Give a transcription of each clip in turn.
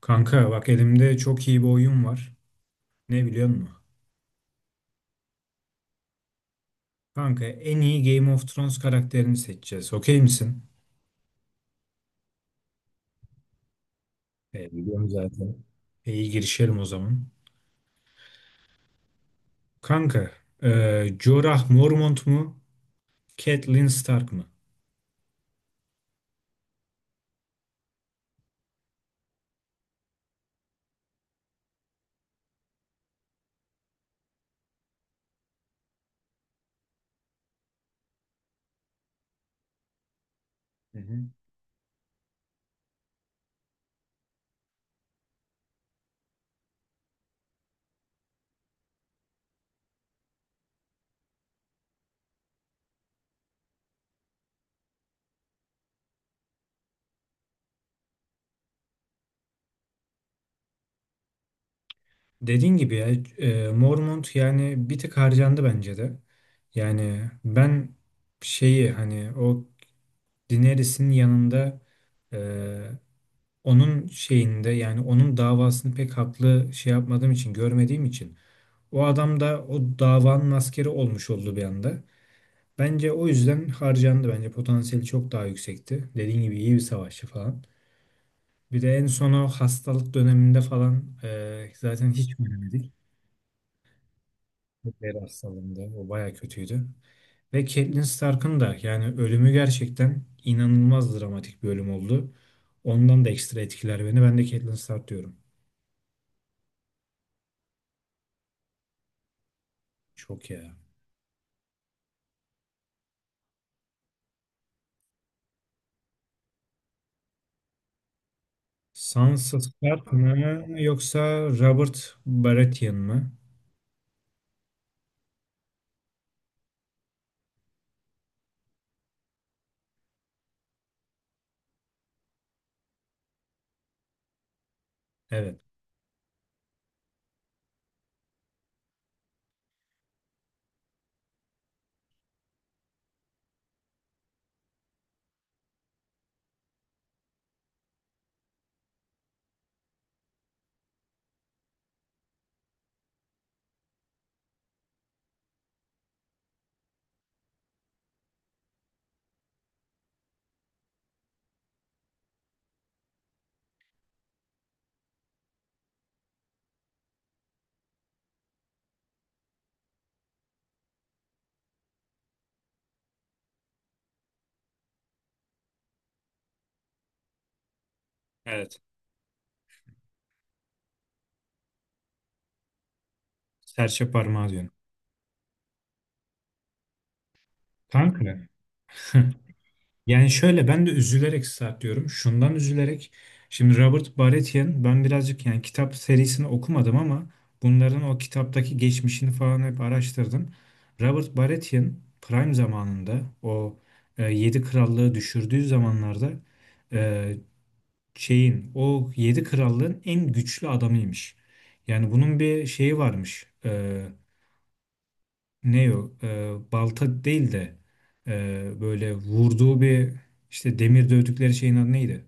Kanka bak elimde çok iyi bir oyun var. Ne biliyor musun? Kanka en iyi Game of Thrones karakterini seçeceğiz. Okey misin? Biliyorum zaten. İyi girişelim o zaman. Kanka, e, Jorah Mormont mu? Catelyn Stark mı? Hı hı. Dediğin gibi ya Mormont yani bir tık harcandı bence de. Yani ben şeyi hani o Daenerys'in yanında e, onun şeyinde yani onun davasını pek haklı şey yapmadığım için görmediğim için o adam da o davanın askeri olmuş oldu bir anda. Bence o yüzden harcandı. Bence potansiyeli çok daha yüksekti. Dediğin gibi iyi bir savaşçı falan. Bir de en son o hastalık döneminde falan zaten hiç göremedik. Hitler hastalığında o baya kötüydü. Ve Catelyn Stark'ın da yani ölümü gerçekten inanılmaz dramatik bir ölüm oldu. Ondan da ekstra etkiler beni. Ben de Catelyn Stark diyorum. Çok ya. Sansa Stark mı yoksa Robert Baratheon mı? Evet. Evet. Serçe parmağı diyorum. Kanka. Yani şöyle ben de üzülerek Stark diyorum. Şundan üzülerek. Şimdi Robert Baratheon ben birazcık yani kitap serisini okumadım ama bunların o kitaptaki geçmişini falan hep araştırdım. Robert Baratheon Prime zamanında o Yedi Krallığı düşürdüğü zamanlarda e, şeyin o yedi krallığın en güçlü adamıymış. Yani bunun bir şeyi varmış. Ne o? Balta değil de böyle vurduğu bir işte demir dövdükleri şeyin adı neydi?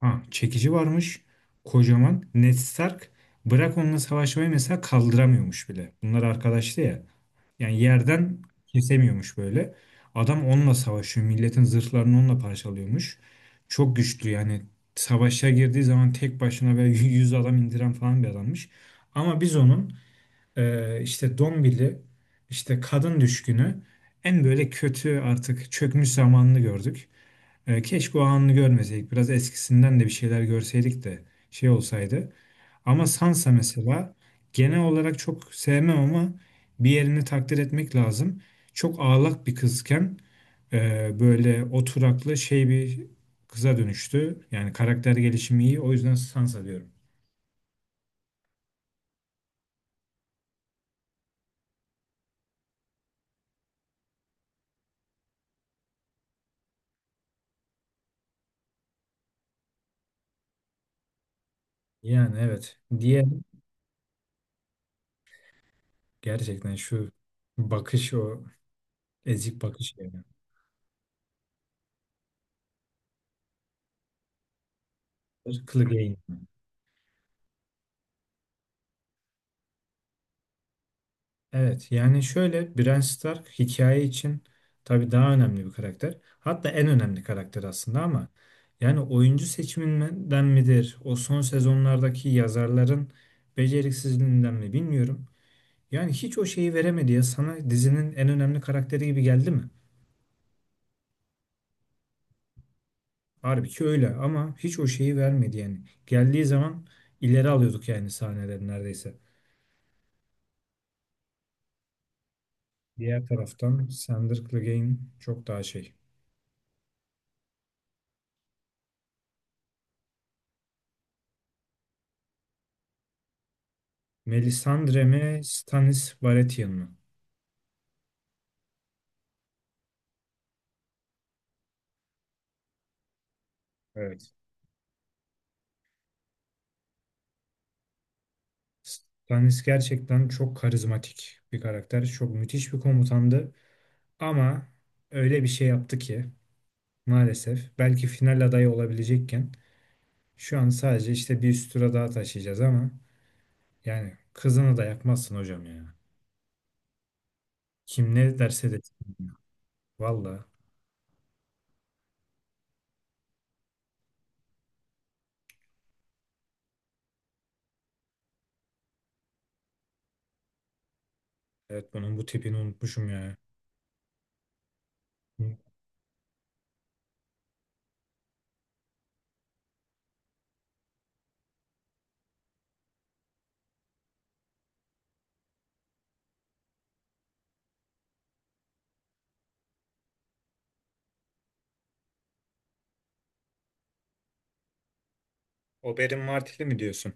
Ha, çekici varmış. Kocaman. Ned Stark bırak onunla savaşmayı mesela kaldıramıyormuş bile. Bunlar arkadaştı ya. Yani yerden kesemiyormuş böyle. Adam onunla savaşıyor. Milletin zırhlarını onunla parçalıyormuş. Çok güçlü yani. Savaşa girdiği zaman tek başına böyle 100 adam indiren falan bir adammış. Ama biz onun işte Dombili, işte kadın düşkünü en böyle kötü artık çökmüş zamanını gördük. Keşke o anını görmeseydik. Biraz eskisinden de bir şeyler görseydik de şey olsaydı. Ama Sansa mesela genel olarak çok sevmem ama bir yerini takdir etmek lazım. Çok ağlak bir kızken böyle oturaklı şey bir kıza dönüştü. Yani karakter gelişimi iyi. O yüzden Sansa diyorum. Yani evet. Diğer gerçekten şu bakış o ezik bakış yani. Kılık yayın. Evet yani şöyle Bran Stark hikaye için tabii daha önemli bir karakter. Hatta en önemli karakter aslında ama yani oyuncu seçiminden midir? O son sezonlardaki yazarların beceriksizliğinden mi bilmiyorum. Yani hiç o şeyi veremedi ya sana dizinin en önemli karakteri gibi geldi mi? Halbuki öyle ama hiç o şeyi vermedi yani. Geldiği zaman ileri alıyorduk yani sahneleri neredeyse. Diğer taraftan Sandor Clegane çok daha şey. Melisandre mi, Stannis Baratheon mu? Evet. Stannis gerçekten çok karizmatik bir karakter. Çok müthiş bir komutandı. Ama öyle bir şey yaptı ki maalesef belki final adayı olabilecekken şu an sadece işte bir üst tura daha taşıyacağız ama yani kızını da yakmazsın hocam ya. Kim ne derse desin. Valla. Evet bunun bu tipini unutmuşum ya. Oberyn Martell'i mi diyorsun?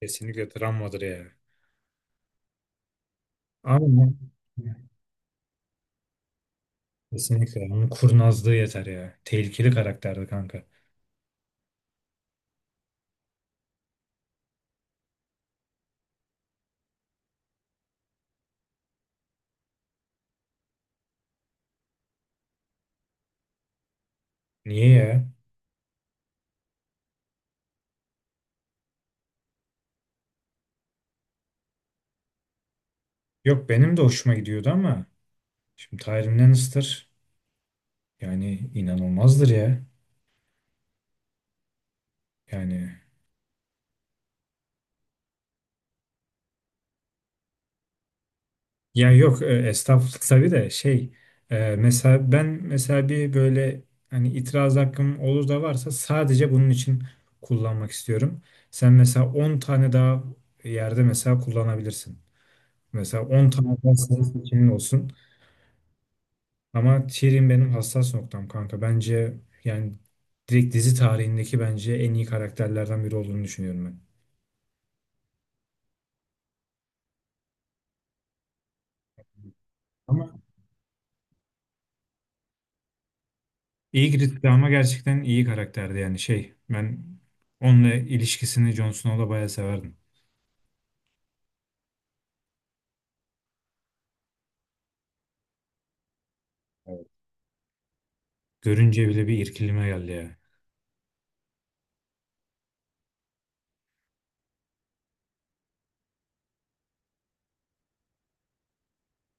Kesinlikle travmadır ya. Ama kesinlikle. Onun kurnazlığı yeter ya. Tehlikeli karakterdi kanka. Niye ya? Yok benim de hoşuma gidiyordu ama şimdi Tyrion Lannister yani inanılmazdır ya. Yani ya yok estağfurullah tabii de şey mesela ben mesela bir böyle hani itiraz hakkım olur da varsa sadece bunun için kullanmak istiyorum. Sen mesela 10 tane daha yerde mesela kullanabilirsin. Mesela 10 tane daha senin seçimin olsun. Ama Tyrion benim hassas noktam kanka. Bence yani direkt dizi tarihindeki bence en iyi karakterlerden biri olduğunu düşünüyorum ben. Ama Ygritte de ama gerçekten iyi karakterdi yani şey. Ben onunla ilişkisini Jon Snow'la bayağı severdim. Evet. Görünce bile bir irkilme geldi ya.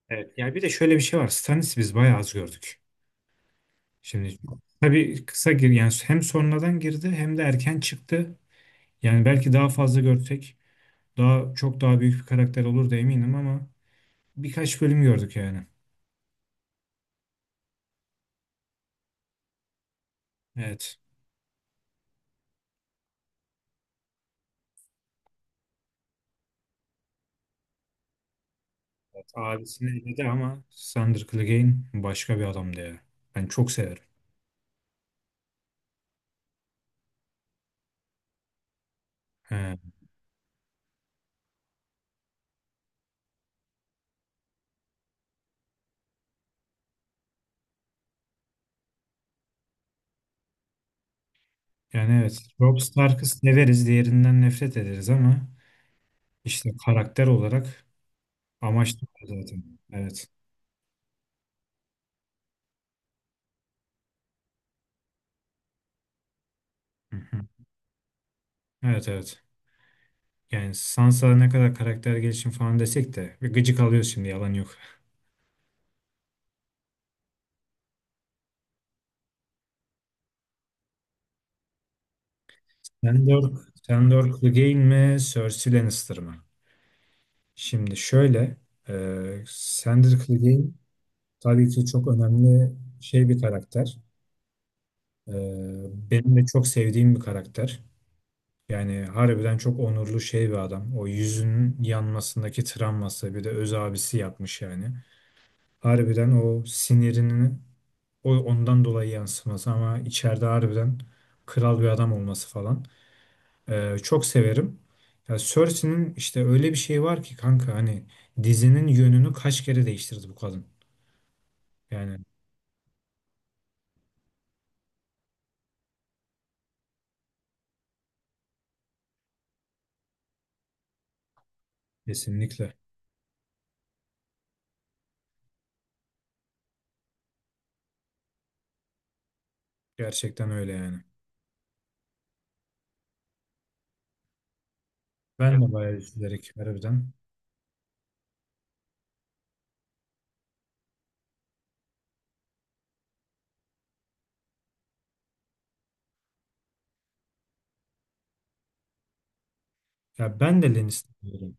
Evet. Yani bir de şöyle bir şey var. Stannis'i biz bayağı az gördük. Şimdi tabii kısa gir yani hem sonradan girdi hem de erken çıktı. Yani belki daha fazla görsek daha çok daha büyük bir karakter olur da eminim ama birkaç bölüm gördük yani. Evet. Evet, abisini eledi ama Sandor Clegane başka bir adamdı ya. Ben çok severim. He. Yani evet. Robb Stark'ı severiz. Diğerinden nefret ederiz ama işte karakter olarak amaç da o zaten. Evet. Hı hı. Evet, evet. Yani Sansa ne kadar karakter gelişim falan desek de bir gıcık alıyoruz şimdi yalan yok. Sandor, Sandor Clegane mi? Cersei Lannister mı? Şimdi şöyle Sandor Clegane tabii ki çok önemli şey bir karakter. Ee, Benim de çok sevdiğim bir karakter. Yani harbiden çok onurlu şey bir adam. O yüzünün yanmasındaki travması bir de öz abisi yapmış yani. Harbiden o sinirinin o ondan dolayı yansıması ama içeride harbiden kral bir adam olması falan. Çok severim. Ya Cersei'nin işte öyle bir şeyi var ki kanka hani dizinin yönünü kaç kere değiştirdi bu kadın. Yani kesinlikle. Gerçekten öyle yani. Ben de bayağı üzülerek harbiden. Ya ben de Lannister diyorum.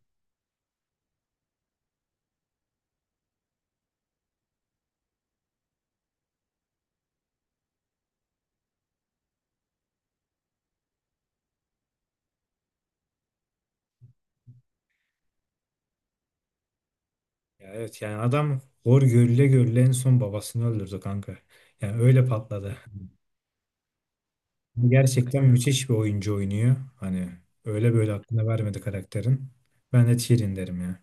Ya evet yani adam hor görüle görüle en son babasını öldürdü kanka. Yani öyle patladı. Hani gerçekten müthiş bir oyuncu oynuyor. Hani öyle böyle aklına vermedi karakterin. Ben de Tyrion derim ya.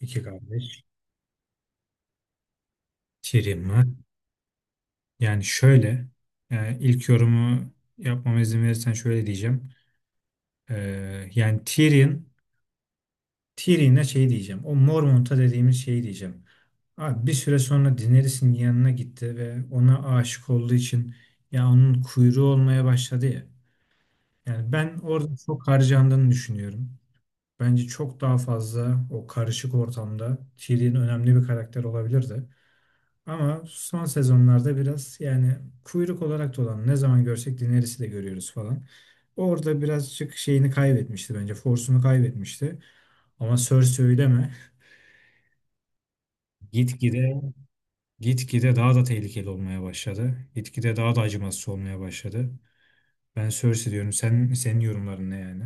İki kardeş. Tyrion mı? Yani şöyle. Yani ilk yorumu yapmama izin verirsen şöyle diyeceğim. Yani Tyrion'a şey diyeceğim. O Mormont'a dediğimiz şeyi diyeceğim. Abi bir süre sonra Daenerys'in yanına gitti ve ona aşık olduğu için ya onun kuyruğu olmaya başladı ya. Yani ben orada çok harcandığını düşünüyorum. Bence çok daha fazla o karışık ortamda Tyrion önemli bir karakter olabilirdi. Ama son sezonlarda biraz yani kuyruk olarak da ne zaman görsek Daenerys'i de görüyoruz falan. Orada birazcık şeyini kaybetmişti bence. Force'unu kaybetmişti. Ama Cersei öyle mi? Gitgide gitgide daha da tehlikeli olmaya başladı. Gitgide daha da acımasız olmaya başladı. Ben Cersei diyorum. Sen senin yorumların ne yani?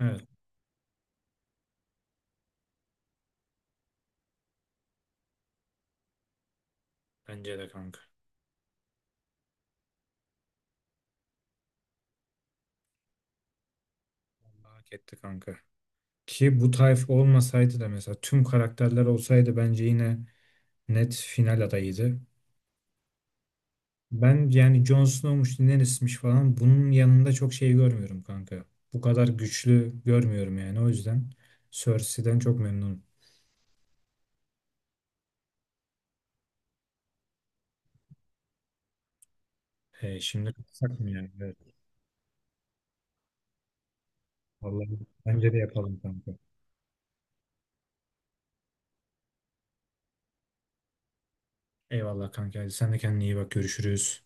Evet, bence de kanka. Vallahi hak etti kanka. Ki bu tayf olmasaydı da mesela tüm karakterler olsaydı bence yine net final adayıydı. Ben yani Jon Snow'muş, Daenerys'miş falan bunun yanında çok şey görmüyorum kanka. Bu kadar güçlü görmüyorum yani o yüzden Cersei'den çok memnunum. Şimdi kalksak mı yani? Evet. Vallahi bence de yapalım kanka. Eyvallah kanka. Hadi sen de kendine iyi bak. Görüşürüz.